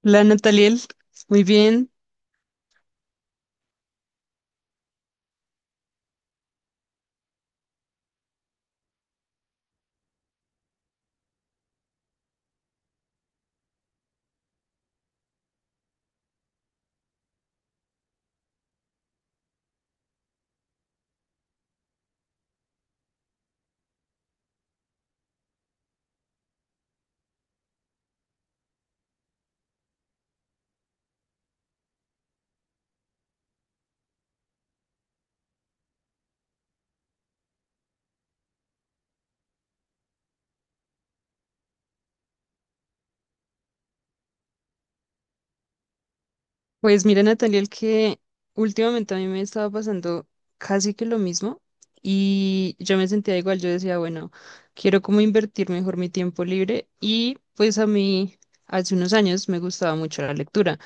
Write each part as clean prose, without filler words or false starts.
La Nataliel, muy bien. Pues mira, Nataliel, que últimamente a mí me estaba pasando casi que lo mismo y yo me sentía igual. Yo decía, bueno, quiero como invertir mejor mi tiempo libre y pues a mí hace unos años me gustaba mucho la lectura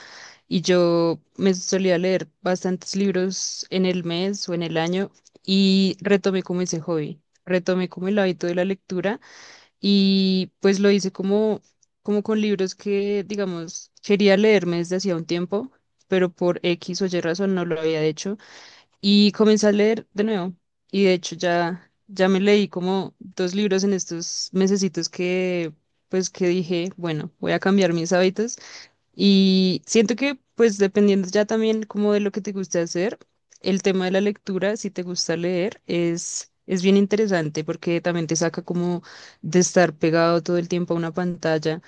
y yo me solía leer bastantes libros en el mes o en el año y retomé como ese hobby, retomé como el hábito de la lectura. Y pues lo hice como, como con libros que, digamos, quería leerme desde hacía un tiempo, pero por X o Y razón no lo había hecho. Y comencé a leer de nuevo. Y de hecho ya me leí como dos libros en estos mesecitos que, pues que dije, bueno, voy a cambiar mis hábitos. Y siento que, pues dependiendo ya también como de lo que te guste hacer, el tema de la lectura, si te gusta leer, es bien interesante porque también te saca como de estar pegado todo el tiempo a una pantalla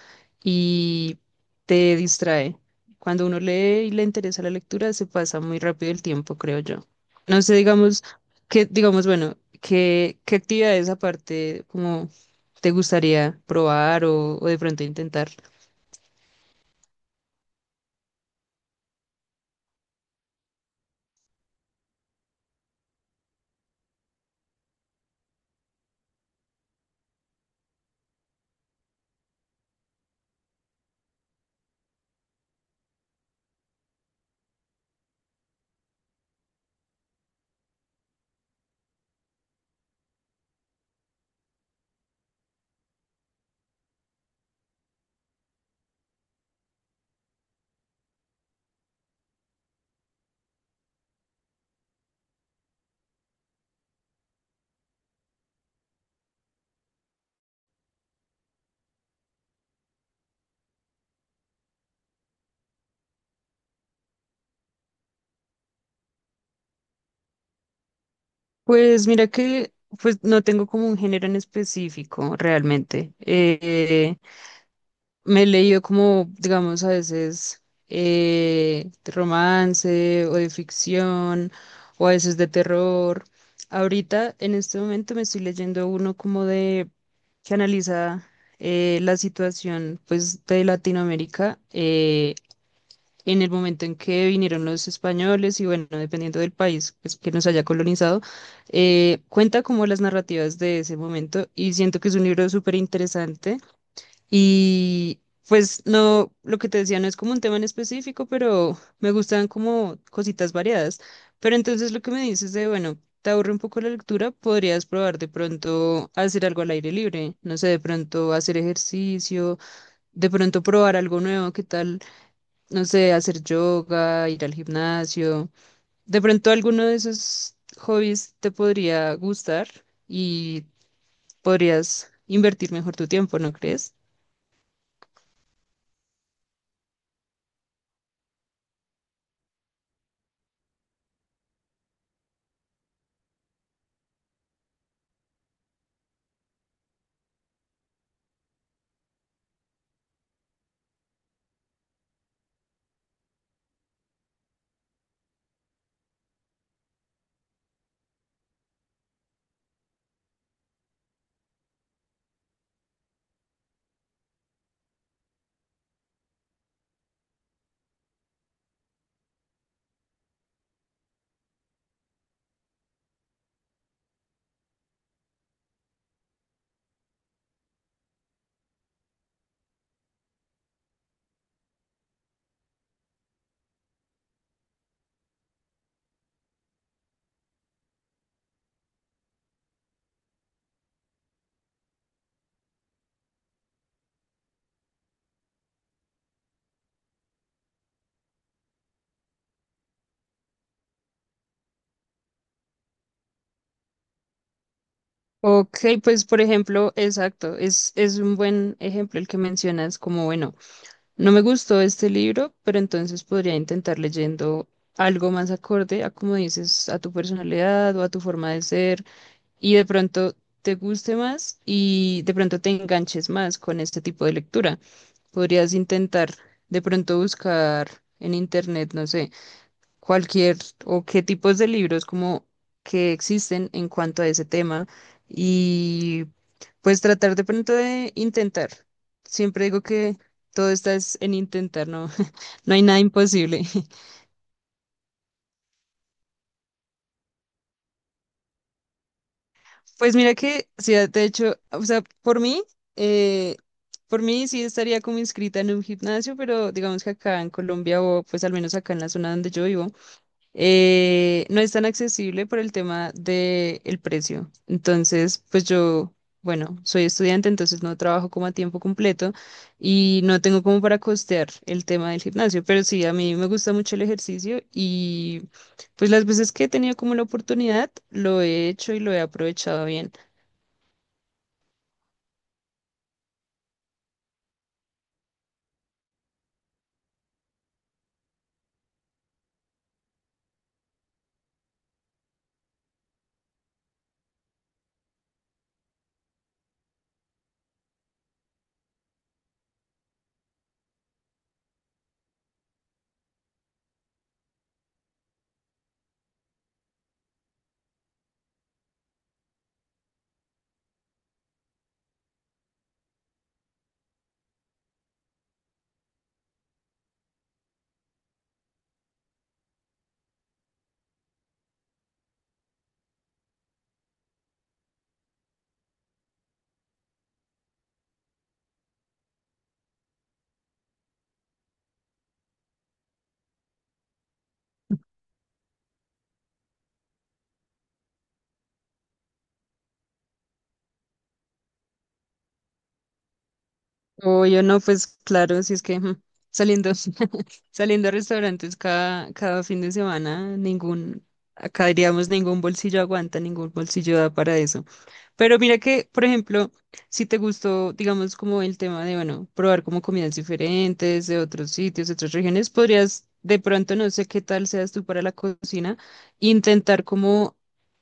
y te distrae. Cuando uno lee y le interesa la lectura, se pasa muy rápido el tiempo, creo yo. No sé, digamos, que, digamos, bueno, ¿qué, qué actividades aparte como te gustaría probar o de pronto intentar? Pues mira que pues no tengo como un género en específico realmente. Me he leído como, digamos, a veces de romance o de ficción o a veces de terror. Ahorita, en este momento, me estoy leyendo uno como de que analiza la situación pues de Latinoamérica, en el momento en que vinieron los españoles y bueno, dependiendo del país pues, que nos haya colonizado, cuenta como las narrativas de ese momento y siento que es un libro súper interesante y pues no, lo que te decía no es como un tema en específico, pero me gustan como cositas variadas. Pero entonces lo que me dices de, bueno, te aburre un poco la lectura, podrías probar de pronto hacer algo al aire libre, no sé, de pronto hacer ejercicio, de pronto probar algo nuevo. ¿Qué tal? No sé, hacer yoga, ir al gimnasio. De pronto alguno de esos hobbies te podría gustar y podrías invertir mejor tu tiempo, ¿no crees? Ok, pues por ejemplo, exacto, es un buen ejemplo el que mencionas como, bueno, no me gustó este libro, pero entonces podría intentar leyendo algo más acorde a, como dices, a tu personalidad o a tu forma de ser y de pronto te guste más y de pronto te enganches más con este tipo de lectura. Podrías intentar de pronto buscar en internet, no sé, cualquier o qué tipos de libros como que existen en cuanto a ese tema y pues tratar de pronto de intentar. Siempre digo que todo está es en intentar, no. No hay nada imposible. Pues mira que, sí, de hecho, o sea, eh, por mí sí estaría como inscrita en un gimnasio, pero digamos que acá en Colombia o pues al menos acá en la zona donde yo vivo, no es tan accesible por el tema del precio. Entonces, pues yo, bueno, soy estudiante, entonces no trabajo como a tiempo completo y no tengo como para costear el tema del gimnasio, pero sí, a mí me gusta mucho el ejercicio y pues las veces que he tenido como la oportunidad, lo he hecho y lo he aprovechado bien. O yo no, pues claro, si es que ujú, saliendo, saliendo a restaurantes cada fin de semana, ningún, acá diríamos ningún bolsillo aguanta, ningún bolsillo da para eso. Pero mira que, por ejemplo, si te gustó, digamos, como el tema de, bueno, probar como comidas diferentes de otros sitios, de otras regiones, podrías, de pronto, no sé qué tal seas tú para la cocina, intentar como,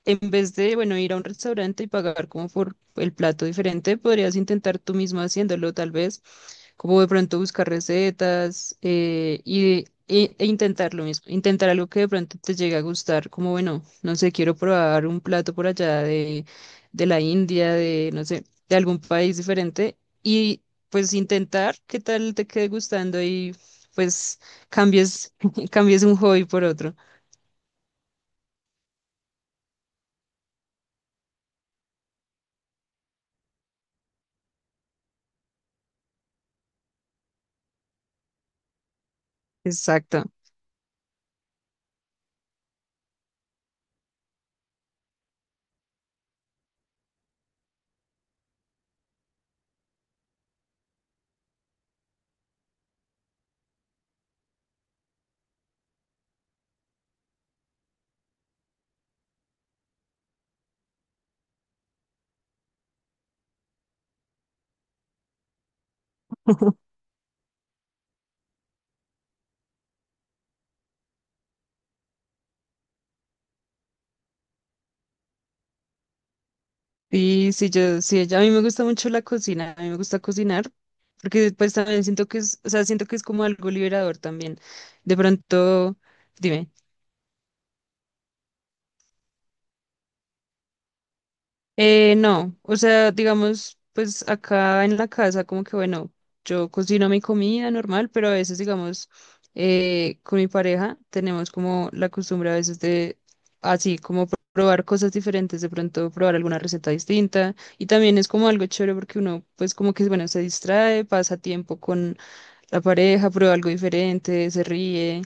en vez de, bueno, ir a un restaurante y pagar como por el plato diferente, podrías intentar tú mismo haciéndolo, tal vez como de pronto buscar recetas, e intentar lo mismo, intentar algo que de pronto te llegue a gustar, como bueno, no sé, quiero probar un plato por allá de la India, de no sé, de algún país diferente y pues intentar qué tal te quede gustando y pues cambies, cambies un hobby por otro. Exacto. Sí, sí, yo, sí, ya- a mí me gusta mucho la cocina, a mí me gusta cocinar, porque después también siento que es, o sea, siento que es como algo liberador también. De pronto, dime. No, o sea, digamos, pues acá en la casa, como que bueno, yo cocino mi comida normal, pero a veces, digamos, con mi pareja tenemos como la costumbre a veces de, así, como probar cosas diferentes, de pronto probar alguna receta distinta. Y también es como algo chévere porque uno, pues como que, bueno, se distrae, pasa tiempo la pareja prueba algo diferente, se ríe,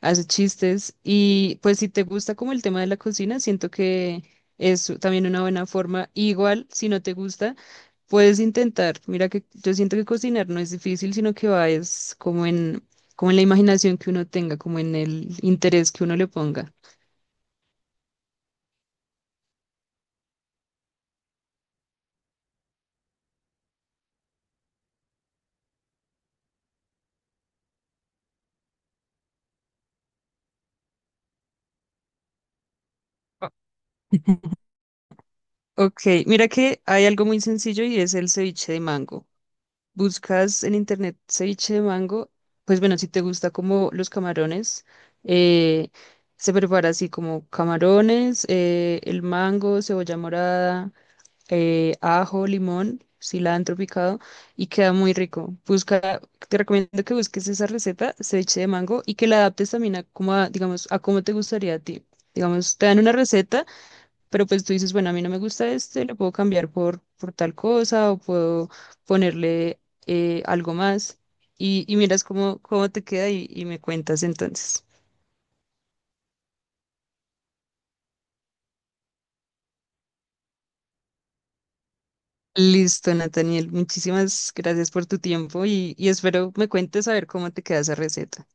hace chistes y pues si te gusta como el tema de la cocina, siento que es también una buena forma. Igual, si no te gusta, puedes intentar. Mira que yo siento que cocinar no es difícil, sino que va es como en, como en la imaginación que uno tenga, como en el interés que uno le ponga. Ok, mira que hay algo muy sencillo y es el ceviche de mango. Buscas en internet ceviche de mango, pues bueno, si te gusta como los camarones, eh, se prepara así como camarones, el mango, cebolla morada, ajo, limón, cilantro picado y queda muy rico. Busca, te recomiendo que busques esa receta, ceviche de mango, y que la adaptes también a como a, digamos, a cómo te gustaría a ti. Digamos, te dan una receta. Pero pues tú dices, bueno, a mí no me gusta este, lo puedo cambiar por tal cosa o puedo ponerle, algo más y miras cómo, cómo te queda y me cuentas entonces. Listo, Nathaniel, muchísimas gracias por tu tiempo y espero me cuentes a ver cómo te queda esa receta.